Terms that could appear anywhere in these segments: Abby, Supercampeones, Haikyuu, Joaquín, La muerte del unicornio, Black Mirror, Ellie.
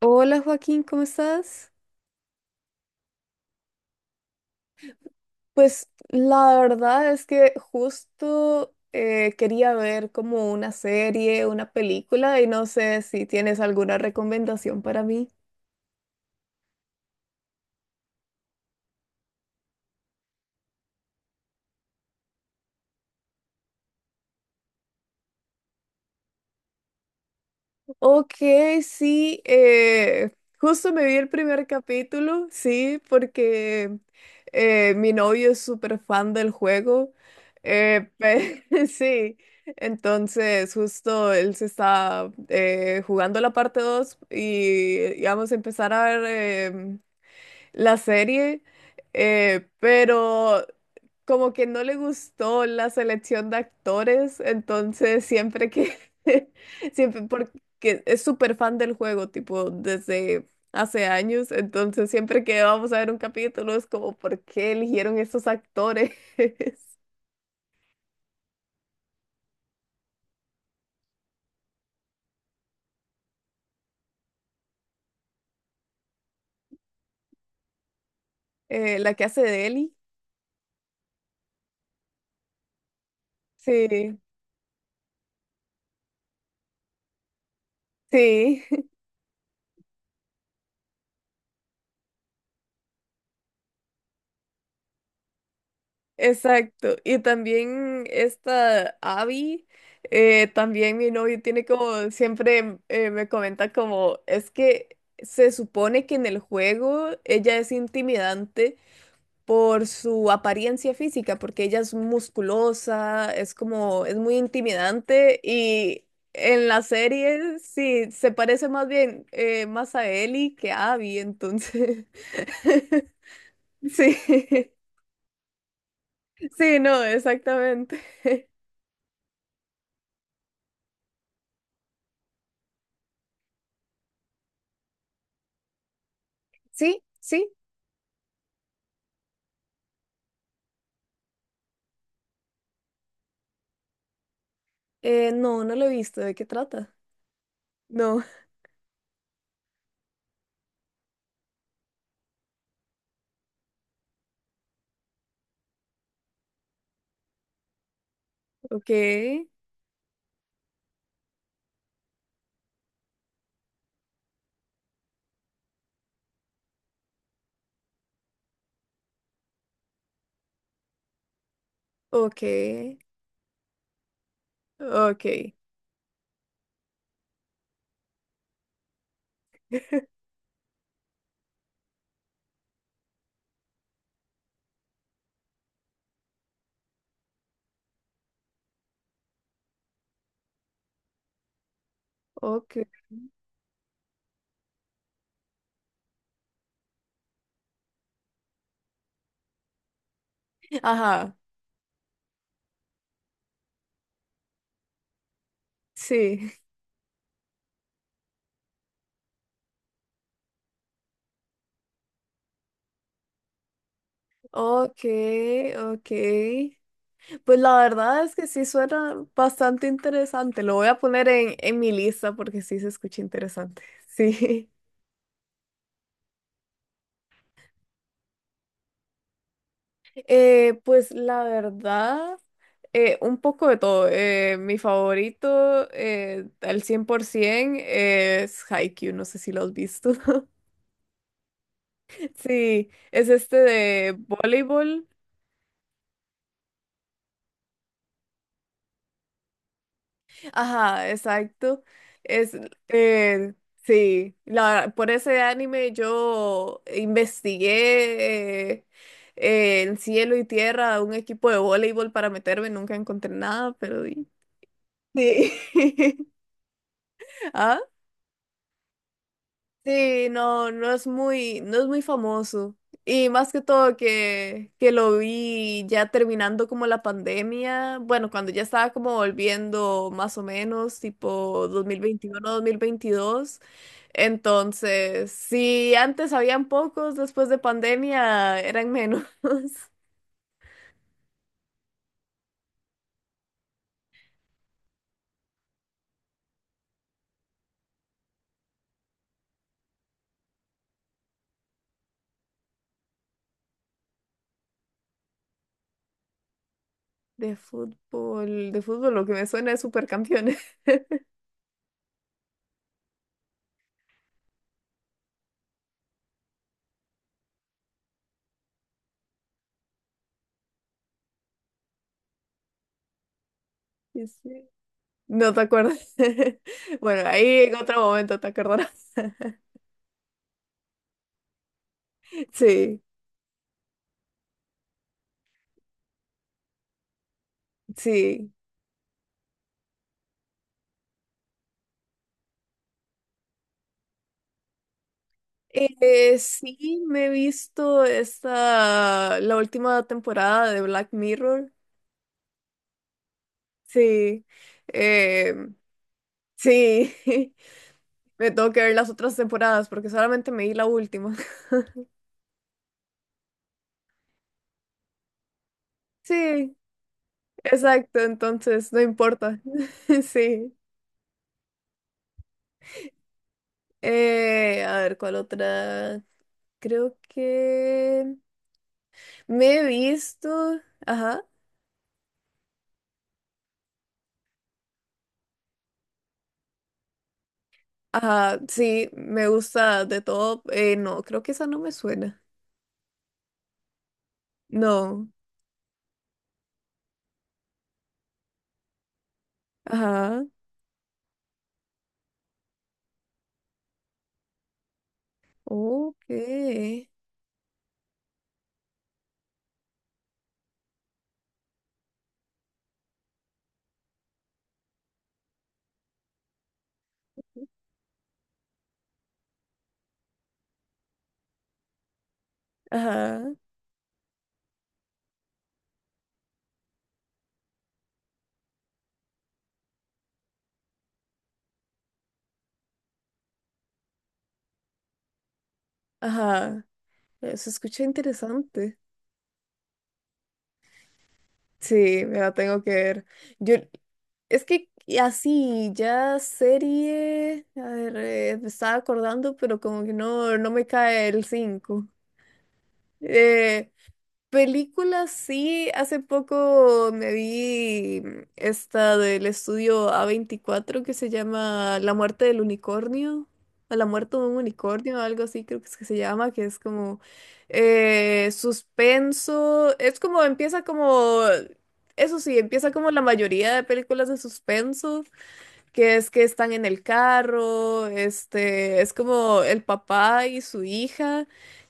Hola Joaquín, ¿cómo estás? Pues la verdad es que justo quería ver como una serie, una película y no sé si tienes alguna recomendación para mí. Ok, sí, justo me vi el primer capítulo, sí, porque mi novio es súper fan del juego, sí, entonces justo él se está jugando la parte 2 y vamos a empezar a ver em, la serie, pero como que no le gustó la selección de actores, entonces siempre que, siempre porque es súper fan del juego, tipo, desde hace años, entonces siempre que vamos a ver un capítulo es como, ¿por qué eligieron estos actores? La que hace de Ellie, sí, sí. Exacto. Y también esta Abby, también mi novio tiene como, siempre me comenta como, es que se supone que en el juego ella es intimidante por su apariencia física, porque ella es musculosa, es como, es muy intimidante y en la serie sí, se parece más bien más a Ellie que a Abby, entonces, sí, sí, no, exactamente. Sí, sí. No, no lo he visto. ¿De qué trata? No. Ok, ok, ok, ok. Ajá, sí. Ok, ok. Pues la verdad es que sí suena bastante interesante. Lo voy a poner en mi lista porque sí se escucha interesante. Sí. Pues la verdad, un poco de todo. Mi favorito al 100% es Haikyuu. No sé si lo has visto. Sí, es este de voleibol. Ajá, exacto. Es, eh, sí, la, por ese anime yo investigué en cielo y tierra un equipo de voleibol para meterme, nunca encontré nada, pero di- sí. ¿Ah? Sí, no, no es muy, no es muy famoso. Y más que todo que lo vi ya terminando como la pandemia, bueno, cuando ya estaba como volviendo más o menos, tipo 2021, 2022. Entonces, si antes habían pocos, después de pandemia eran menos. De fútbol, lo que me suena es Supercampeones. Y sí. No te acuerdas. Bueno, ahí en otro momento te acordarás. Sí. Sí. Sí, me he visto esta, la última temporada de Black Mirror. Sí. Eh, sí. Me tengo que ver las otras temporadas porque solamente me vi la última. Sí, exacto. Entonces, no importa. Sí. A ver, ¿cuál otra? Creo que me he visto. Ajá. Ajá, sí, me gusta de todo. No, creo que esa no me suena. No. Ajá, ok. Ajá, ajá. Se escucha interesante. Sí, me la tengo que ver. Yo, es que así, ya serie, a ver, me estaba acordando, pero como que no, no me cae el cinco. Eh, películas, sí, hace poco me vi esta del estudio a 24 que se llama La muerte del unicornio, a la muerte de un unicornio, algo así creo que es que se llama, que es como suspenso, es como empieza como, eso sí, empieza como la mayoría de películas de suspenso que es que están en el carro, este, es como el papá y su hija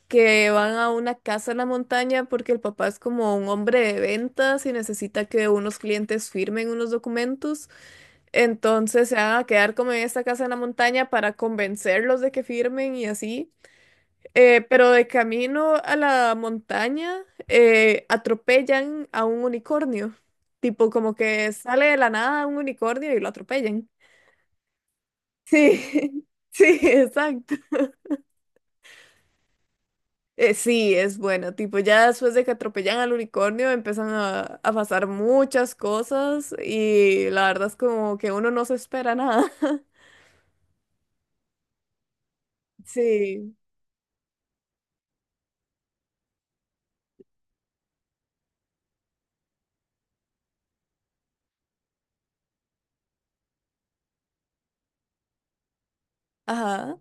que van a una casa en la montaña porque el papá es como un hombre de ventas y necesita que unos clientes firmen unos documentos. Entonces se van a quedar como en esta casa en la montaña para convencerlos de que firmen y así. Pero de camino a la montaña atropellan a un unicornio. Tipo como que sale de la nada un unicornio y lo atropellan. Sí, sí, exacto. Sí, es bueno. Tipo, ya después de que atropellan al unicornio, empiezan a pasar muchas cosas y la verdad es como que uno no se espera nada. Sí, ajá.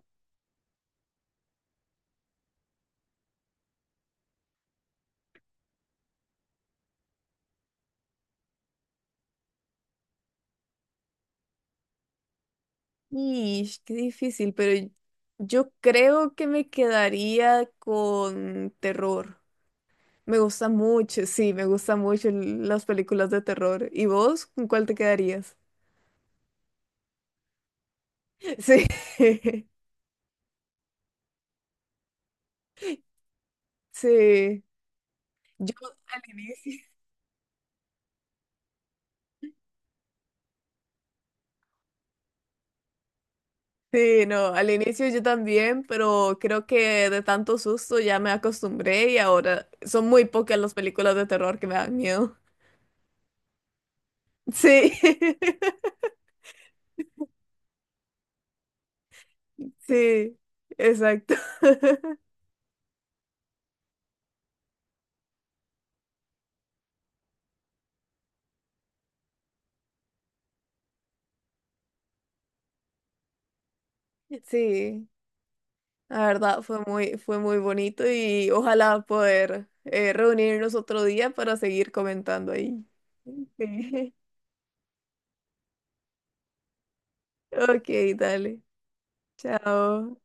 Ish, qué difícil, pero yo creo que me quedaría con terror. Me gusta mucho, sí, me gustan mucho l- las películas de terror. ¿Y vos con cuál te quedarías? Sí, sí. Yo al inicio. Sí, no, al inicio yo también, pero creo que de tanto susto ya me acostumbré y ahora son muy pocas las películas de terror que me dan miedo. Sí, sí, exacto. Sí, la verdad fue muy bonito y ojalá poder reunirnos otro día para seguir comentando ahí. Sí. Ok, dale. Chao.